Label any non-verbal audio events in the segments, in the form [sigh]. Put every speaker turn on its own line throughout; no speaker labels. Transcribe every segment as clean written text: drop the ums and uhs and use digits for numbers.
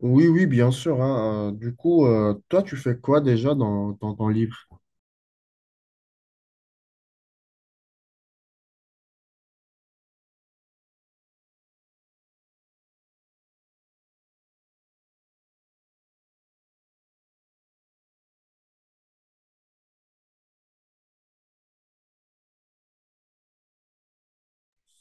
Oui, oui, bien sûr, hein. Du coup, toi, tu fais quoi déjà dans ton livre?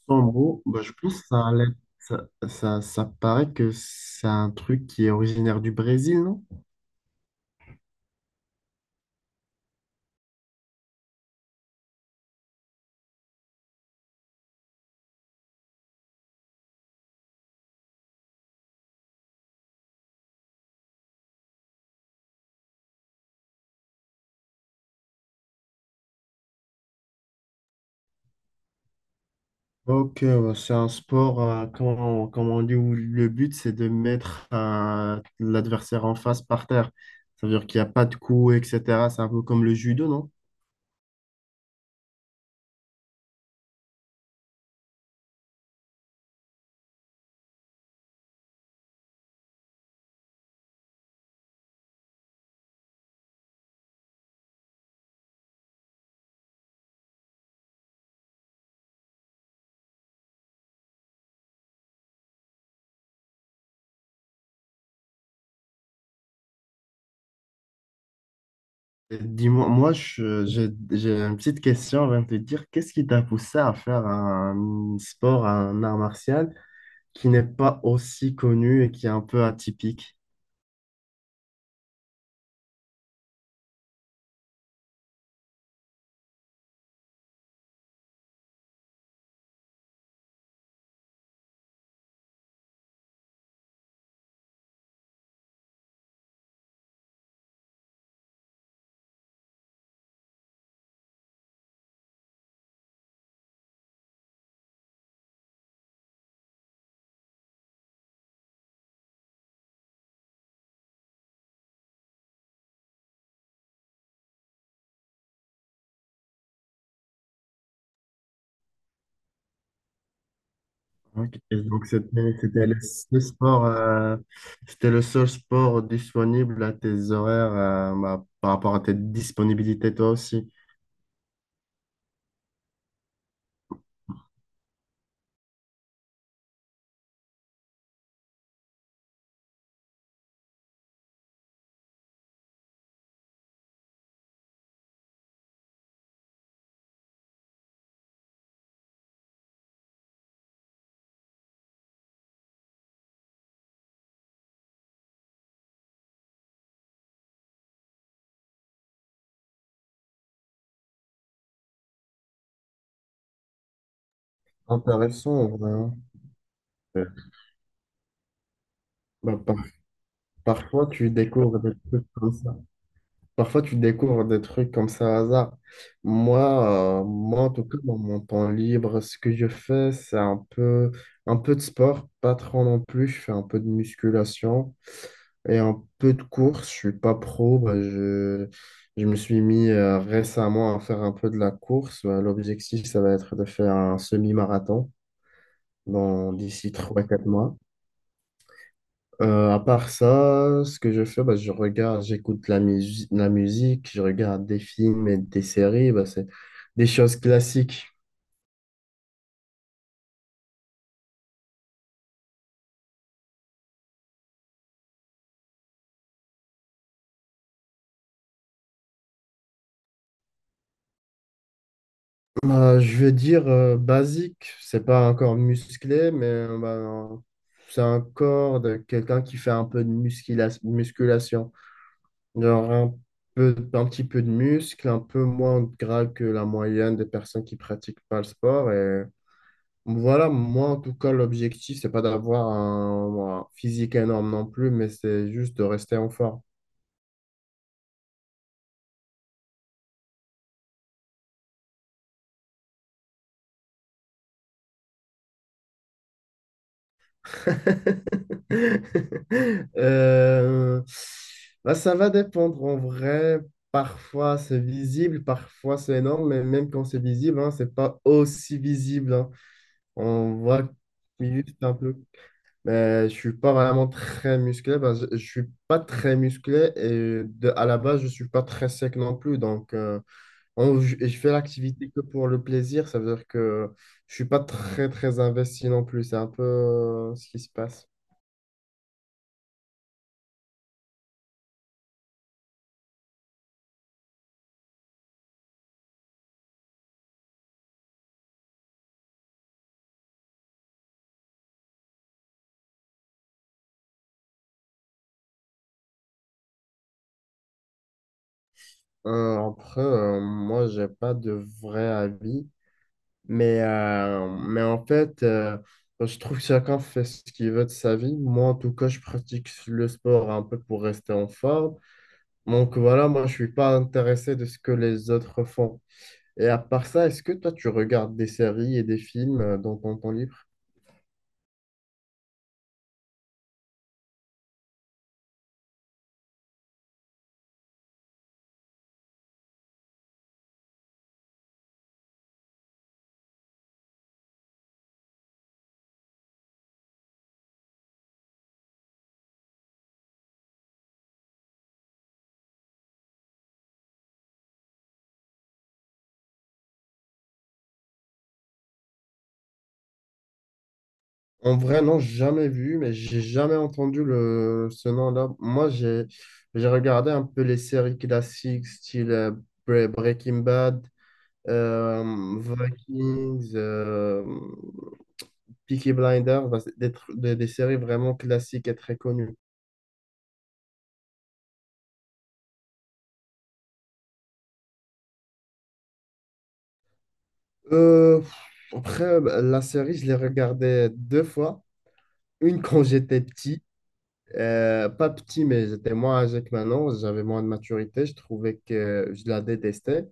En gros, bah, je pense que ça, ça paraît que c'est un truc qui est originaire du Brésil, non? Ok, bah, c'est un sport, comment on dit, où le but, c'est de mettre l'adversaire en face par terre. Ça veut dire qu'il n'y a pas de coups, etc. C'est un peu comme le judo, non? Dis-moi, moi, j'ai une petite question avant de te dire, qu'est-ce qui t'a poussé à faire un sport, un art martial qui n'est pas aussi connu et qui est un peu atypique. Et donc, c'était le seul sport, c'était le seul sport disponible à tes horaires, bah, par rapport à tes disponibilités, toi aussi. Intéressant, vraiment. Euh, bah, par- Parfois, tu découvres des trucs comme ça. Parfois, tu découvres des trucs comme ça au hasard. Moi, en tout cas, dans mon temps libre, ce que je fais, c'est un peu de sport, pas trop non plus. Je fais un peu de musculation. Et un peu de course, je suis pas pro. Bah, je me suis mis récemment à faire un peu de la course. Bah, l'objectif, ça va être de faire un semi-marathon dans d'ici trois quatre mois. À part ça, ce que je fais, bah, je regarde, j'écoute la musique, je regarde des films et des séries. Bah, c'est des choses classiques. Bah, je veux dire basique, c'est pas un corps musclé, mais bah, c'est un corps de quelqu'un qui fait un peu de musculation. Genre un peu, un petit peu de muscle, un peu moins de gras que la moyenne des personnes qui pratiquent pas le sport. Et voilà, moi en tout cas, l'objectif, c'est pas d'avoir un physique énorme non plus, mais c'est juste de rester en forme. [laughs] Euh, Bah, ça va dépendre en vrai. Parfois c'est visible, parfois c'est énorme, mais même quand c'est visible, hein, c'est pas aussi visible, hein. On voit juste un peu. Mais je suis pas vraiment très musclé parce que je suis pas très musclé et de, à la base, je suis pas très sec non plus. Donc, et je fais l'activité que pour le plaisir. Ça veut dire que je suis pas très, très investi non plus. C'est un peu ce qui se passe. Après, moi, j'ai pas de vrai avis. Mais en fait, je trouve que chacun fait ce qu'il veut de sa vie. Moi, en tout cas, je pratique le sport un peu pour rester en forme. Donc voilà, moi je suis pas intéressé de ce que les autres font. Et à part ça, est-ce que toi tu regardes des séries et des films dans ton temps libre? En vrai, non, jamais vu, mais j'ai jamais entendu ce nom-là. Moi, j'ai regardé un peu les séries classiques, style Breaking Bad, euh, Vikings, Peaky Blinders, bah, c'est des séries vraiment classiques et très connues. Euh, pff, Après, bah, la série, je l'ai regardée deux fois. Une quand j'étais petit, pas petit, mais j'étais moins âgé que maintenant, j'avais moins de maturité, je trouvais que je la détestais.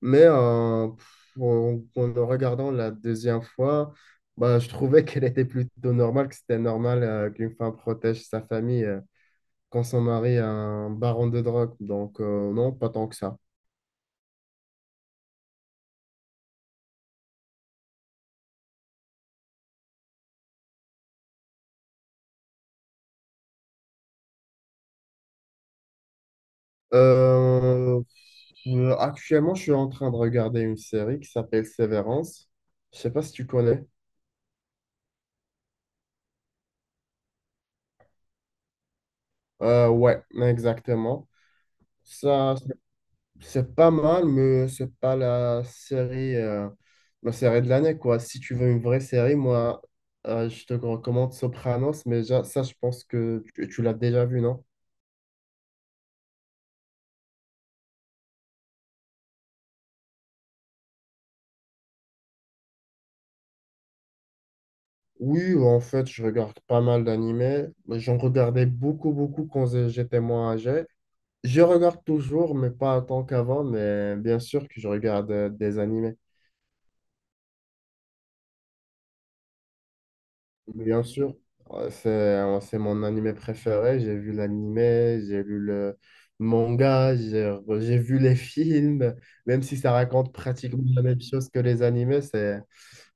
Mais en le regardant la deuxième fois, bah, je trouvais [laughs] qu'elle était plutôt normale, que c'était normal qu'une femme protège sa famille quand son mari est un baron de drogue. Donc, non, pas tant que ça. Euh, Actuellement, je suis en train de regarder une série qui s'appelle Severance. Je sais pas si tu connais. Ouais, exactement. Ça, c'est pas mal, mais c'est pas la série, la série de l'année, quoi. Si tu veux une vraie série, moi, je te recommande Sopranos, mais ça, je pense que tu l'as déjà vu, non? Oui, en fait, je regarde pas mal d'animés. J'en regardais beaucoup, beaucoup quand j'étais moins âgé. Je regarde toujours, mais pas autant qu'avant, mais bien sûr que je regarde des animés. Bien sûr, c'est mon animé préféré. J'ai vu l'animé, j'ai lu le manga, j'ai vu les films, même si ça raconte pratiquement la même chose que les animés, c'est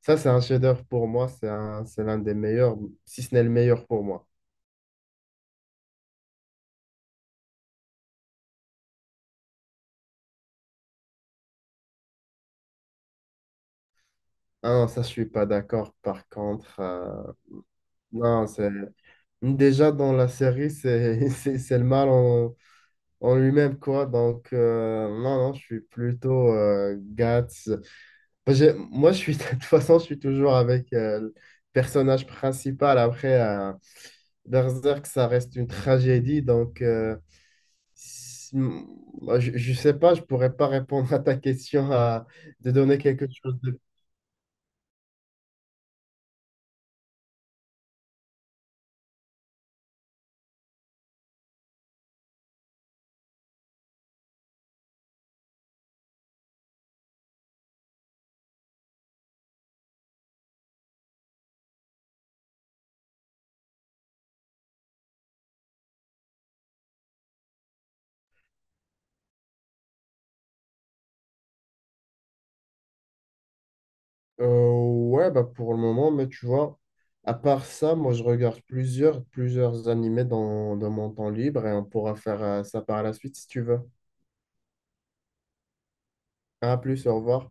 ça, c'est un chef-d'œuvre pour moi. C'est l'un des meilleurs, si ce n'est le meilleur pour moi. Ah non, ça, je suis pas d'accord. Par contre, non, c'est déjà dans la série, c'est [laughs] c'est le mal en lui-même, quoi. Donc, non, non, je suis plutôt Guts. Moi, moi, je suis, [laughs] de toute façon, je suis toujours avec le personnage principal. Après, Berserk, ça reste une tragédie. Donc, moi, je sais pas, je pourrais pas répondre à ta question à, de donner quelque chose de. Ouais, bah, pour le moment, mais tu vois. À part ça, moi, je regarde plusieurs animés dans mon temps libre et on pourra faire ça par la suite si tu veux. À plus, au revoir.